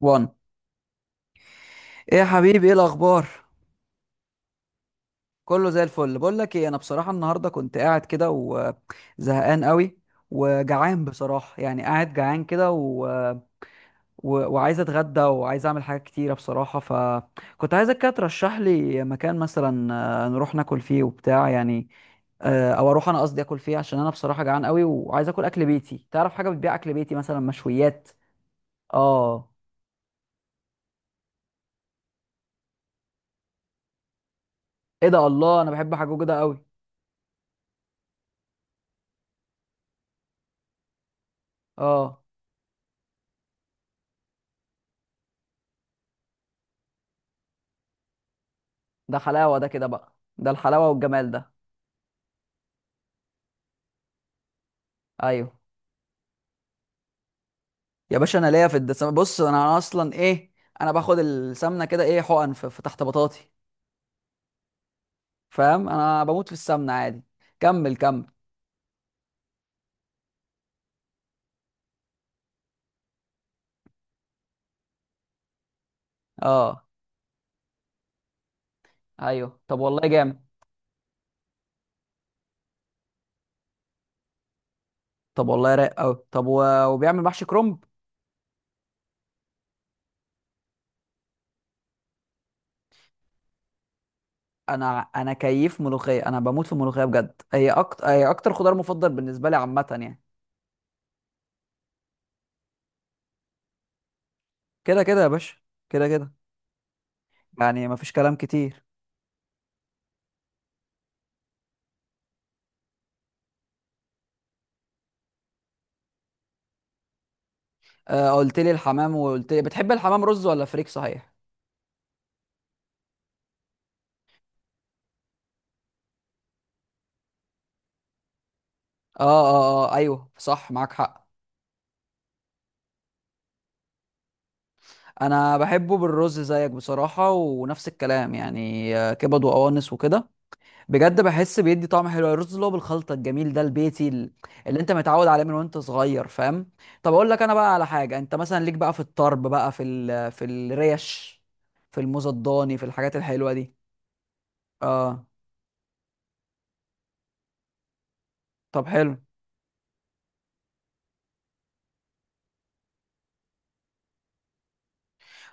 وان، ايه يا حبيبي؟ ايه الاخبار؟ كله زي الفل. بقول لك ايه، انا بصراحه النهارده كنت قاعد كده وزهقان قوي وجعان بصراحه، يعني قاعد جعان كده وعايز اتغدى وعايز اعمل حاجات كتيره بصراحه، فكنت عايزك كده ترشح لي مكان مثلا نروح ناكل فيه وبتاع يعني. او اروح، انا قصدي اكل فيه، عشان انا بصراحه جعان قوي وعايز اكل، اكل بيتي. تعرف حاجه بتبيع اكل بيتي مثلا؟ مشويات؟ اه، ايه ده؟ الله، انا بحب حاجه كده قوي. اه، ده حلاوه، ده كده بقى ده الحلاوه والجمال ده. ايوه يا باشا، انا ليا في الدسم. بص، انا اصلا ايه، انا باخد السمنه كده ايه، حقن في تحت بطاطي. فاهم؟ انا بموت في السمنه عادي. كمل، كمل. اه، ايوه. طب والله جامد. طب والله رايق قوي. طب وبيعمل محشي كرنب؟ انا كيف ملوخيه؟ انا بموت في الملوخيه بجد، هي اكتر، هي اكتر خضار مفضل بالنسبه لي عامه يعني. كده كده يا باشا، كده كده. يعني مفيش كلام كتير. آه، قلت لي الحمام، وقلت لي بتحب الحمام رز ولا فريك صحيح؟ اه اه، اه ايوه صح، معاك حق. انا بحبه بالرز زيك بصراحه، ونفس الكلام يعني، كبد وقوانص وكده. بجد بحس بيدي طعم حلو، الرز اللي هو بالخلطه الجميل ده، البيتي اللي انت متعود عليه من وانت صغير. فاهم؟ طب اقول لك انا بقى على حاجه، انت مثلا ليك بقى في الطرب بقى، في في الريش، في الموز الضاني، في الحاجات الحلوه دي؟ اه، طب حلو.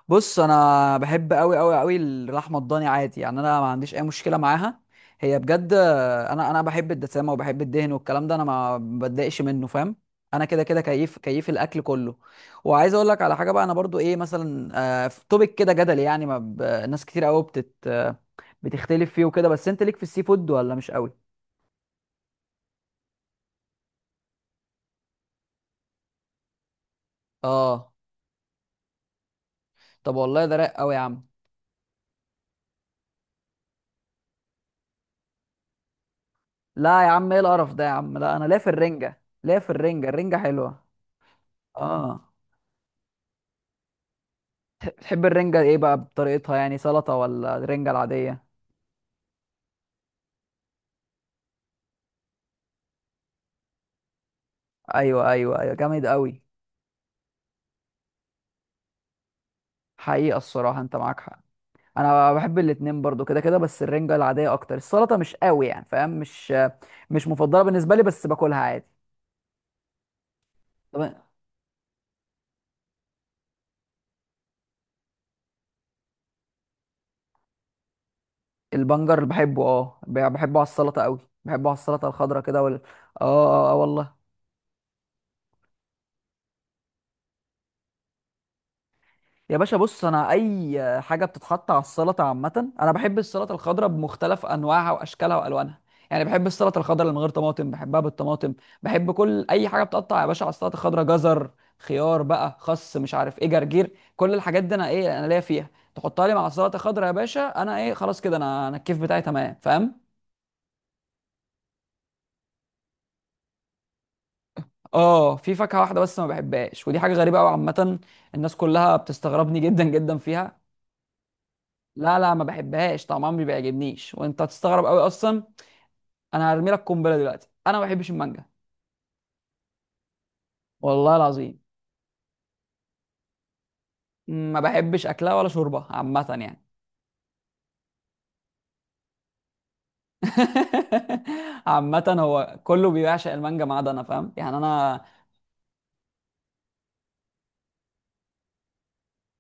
بص، انا بحب قوي قوي قوي اللحمه الضاني، عادي يعني، انا ما عنديش اي مشكله معاها، هي بجد. انا بحب الدسامه وبحب الدهن والكلام ده، انا ما بتضايقش منه، فاهم؟ انا كده كده، كيف كيف الاكل كله. وعايز اقول لك على حاجه بقى، انا برضو ايه مثلا، آه، في توبيك كده جدل يعني، ما ب... ناس كتير قوي بتت بتختلف فيه وكده، بس انت ليك في السي فود ولا مش قوي؟ اه، طب والله ده رايق قوي يا عم. لا يا عم، ايه القرف ده يا عم؟ لا انا ليا في الرنجه، ليا في الرنجه، الرنجه حلوه. اه. بتحب الرنجه ايه بقى، بطريقتها يعني سلطه ولا الرنجه العاديه؟ ايوه ايوه ايوه، جامد قوي. حقيقه الصراحه انت معاك حق. انا بحب الاتنين برضو كده كده، بس الرنجة العادية اكتر، السلطة مش قوي يعني، فاهم؟ مش، مش مفضلة بالنسبة لي، بس باكلها عادي. طب، البنجر بحبه، اه بحبه على السلطة قوي. بحبه على السلطة الخضراء كده اه. اه، والله. يا باشا بص، انا اي حاجه بتتحط على السلطه عامه، انا بحب السلطه الخضراء بمختلف انواعها واشكالها والوانها. يعني بحب السلطه الخضراء اللي من غير طماطم، بحبها بالطماطم، بحب كل اي حاجه بتقطع يا باشا على السلطه الخضراء: جزر، خيار بقى، خس، مش عارف ايه، جرجير، كل الحاجات دي انا ايه، انا ليا فيها. تحطها لي مع السلطه الخضراء يا باشا، انا ايه، خلاص كده، انا الكيف بتاعي تمام. فاهم؟ اه، في فاكهه واحده بس ما بحبهاش، ودي حاجه غريبه قوي عامه. الناس كلها بتستغربني جدا جدا فيها. لا لا، ما بحبهاش، طعمها ما بيعجبنيش. وانت هتستغرب قوي اصلا، انا هرمي لك قنبله دلوقتي: انا ما بحبش المانجا. والله العظيم، ما بحبش اكلها ولا شربها عامه يعني. عامه، هو كله بيعشق المانجا ما عدا انا، فاهم يعني انا.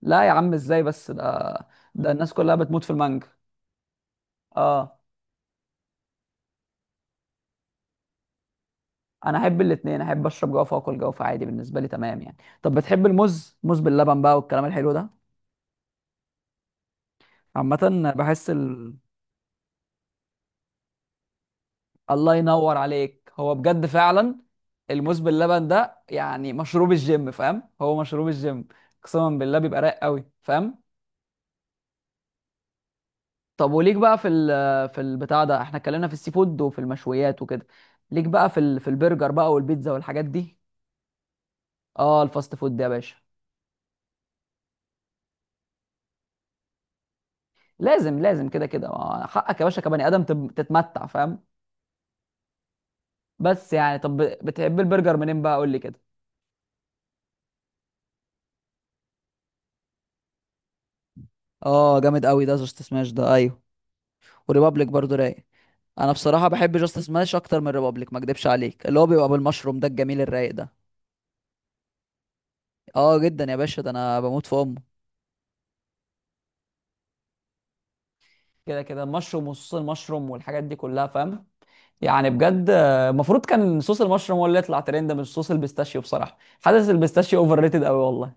لا يا عم، ازاي بس ده؟ ده الناس كلها بتموت في المانجا. اه، انا احب الاثنين، احب اشرب جوافه واكل جوافه عادي، بالنسبه لي تمام يعني. طب بتحب الموز؟ موز باللبن بقى والكلام الحلو ده؟ عامه بحس الله ينور عليك، هو بجد فعلا. الموز باللبن ده يعني مشروب الجيم، فاهم، هو مشروب الجيم. قسما بالله بيبقى رايق قوي، فاهم؟ طب، وليك بقى في في البتاع ده، احنا اتكلمنا في السي فود وفي المشويات وكده، ليك بقى في في البرجر بقى والبيتزا والحاجات دي؟ اه، الفاست فود ده يا باشا لازم لازم كده كده. حقك يا باشا، كبني ادم تتمتع، فاهم؟ بس يعني، طب بتحب البرجر منين بقى؟ قول لي كده. اه، جامد قوي ده، جاست سماش ده، ايوه، وريبابليك برضو رايق. انا بصراحه بحب جاست سماش اكتر من ريبابليك، ما اكدبش عليك، اللي هو بيبقى بالمشروم ده، الجميل الرايق ده. اه، جدا يا باشا، ده انا بموت في امه. كده كده المشروم، وصوص المشروم والحاجات دي كلها، فاهم؟ يعني بجد، المفروض كان صوص المشروم هو اللي يطلع ترند، مش صوص البيستاشيو. بصراحه حاسس البيستاشيو اوفر ريتد قوي والله.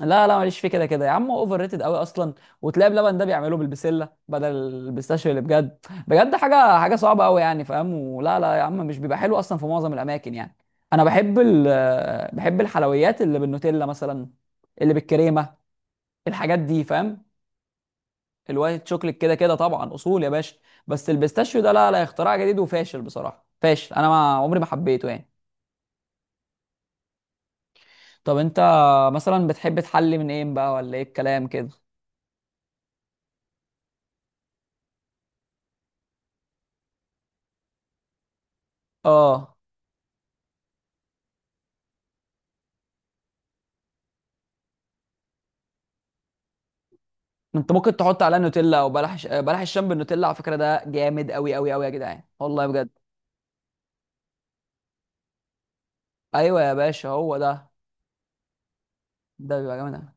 لا لا، ماليش فيه كده كده يا عم، هو اوفر ريتد قوي اصلا. وتلاقي بلبن ده بيعملوه بالبسله بدل البيستاشيو اللي بجد، بجد حاجه، حاجه صعبه قوي يعني، فاهم؟ ولا لا يا عم، مش بيبقى حلو اصلا في معظم الاماكن يعني. انا بحب بحب الحلويات اللي بالنوتيلا مثلا، اللي بالكريمه، الحاجات دي فاهم؟ الوايت شوكليت كده كده طبعا اصول يا باشا. بس البيستاشيو ده لا لا، اختراع جديد وفاشل بصراحه، فاشل، انا ما عمري ما حبيته يعني. طب انت مثلا بتحب تحلي من ايه بقى، ولا ايه الكلام كده؟ اه، انت ممكن تحط عليها نوتيلا، او بلح بلح الشام بالنوتيلا على فكره، ده جامد قوي قوي قوي يا جدعان والله بجد. ايوه يا باشا، هو ده. ده بيبقى جامد قوي.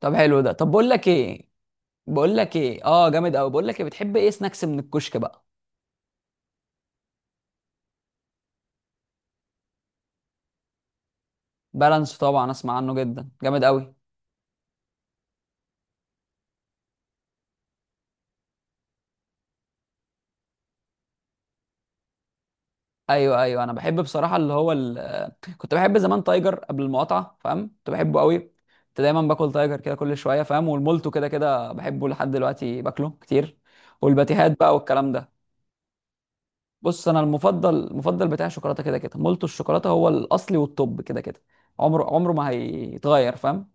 طب حلو ده. طب بقول لك ايه، بقول لك ايه، اه جامد قوي. بقول لك ايه، بتحب ايه سناكس من الكشك بقى؟ بالانس طبعا، اسمع عنه جدا، جامد قوي. ايوه ايوه، انا بحب بصراحه اللي هو كنت بحب زمان تايجر قبل المقاطعه، فاهم، كنت بحبه قوي. كنت دايما باكل تايجر كده كل شويه، فاهم، والمولتو كده كده بحبه لحد دلوقتي، باكله كتير، والباتيهات بقى والكلام ده. بص، انا المفضل، المفضل بتاعي شوكولاته كده كده، مولتو الشوكولاته هو الاصلي والتوب كده كده، عمره عمره ما هيتغير، فاهم؟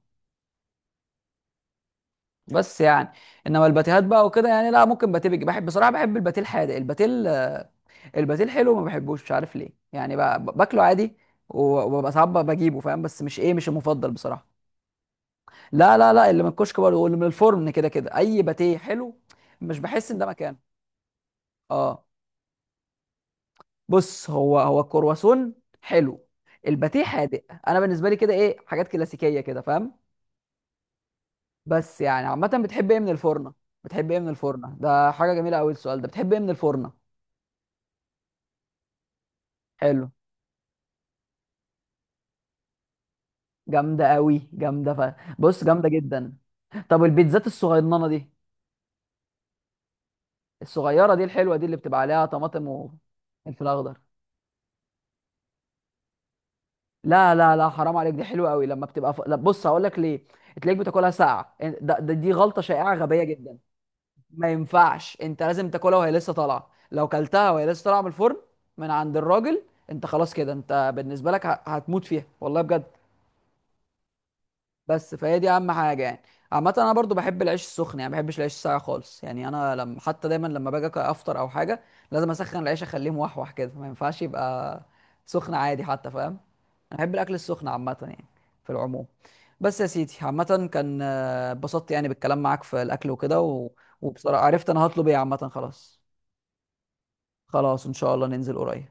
بس يعني، انما الباتيهات بقى وكده يعني، لا، ممكن باتيه بيجي بحب، بصراحه بحب الباتيه الحادق. الباتيه الباتيه الحلو ما بحبوش، مش عارف ليه، يعني باكله عادي، وببقى ساعات بجيبه، فاهم، بس مش ايه، مش المفضل بصراحه. لا لا لا، اللي من الكشك برضه واللي من الفرن كده كده، اي باتيه حلو مش بحس ان ده مكانه. اه، بص، هو هو الكرواسون حلو، الباتيه حادق، انا بالنسبه لي كده ايه، حاجات كلاسيكيه كده، فاهم؟ بس يعني عامه بتحب ايه من الفرنه؟ بتحب ايه من الفرنه؟ ده حاجه جميله قوي السؤال ده، بتحب ايه من الفرنه؟ حلو، جامده قوي، جامده بص جامده جدا. طب البيتزات الصغننه دي، الصغيره دي الحلوه دي، اللي بتبقى عليها طماطم وفلفل اخضر؟ لا لا لا، حرام عليك، دي حلوه قوي. لما بتبقى لا، بص هقول لك ليه، تلاقيك بتاكلها ساقعه، ده دي غلطه شائعه غبيه جدا. ما ينفعش، انت لازم تاكلها وهي لسه طالعه، لو كلتها وهي لسه طالعه من الفرن، من عند الراجل، انت خلاص كده، انت بالنسبه لك هتموت فيها، والله بجد. بس فهي دي اهم حاجه يعني. عامه انا برضو بحب العيش السخن يعني، ما بحبش العيش الساقع خالص يعني. انا لما حتى دايما لما باجي افطر او حاجه، لازم اسخن العيش، اخليه موحوح كده، ما ينفعش يبقى سخن عادي حتى، فاهم؟ انا بحب الاكل السخن عامه يعني، في العموم. بس يا سيدي، عامه كان اتبسطت يعني بالكلام معاك في الاكل وكده وبصراحه عرفت انا هطلب ايه عامه، خلاص، خلاص ان شاء الله ننزل قريب.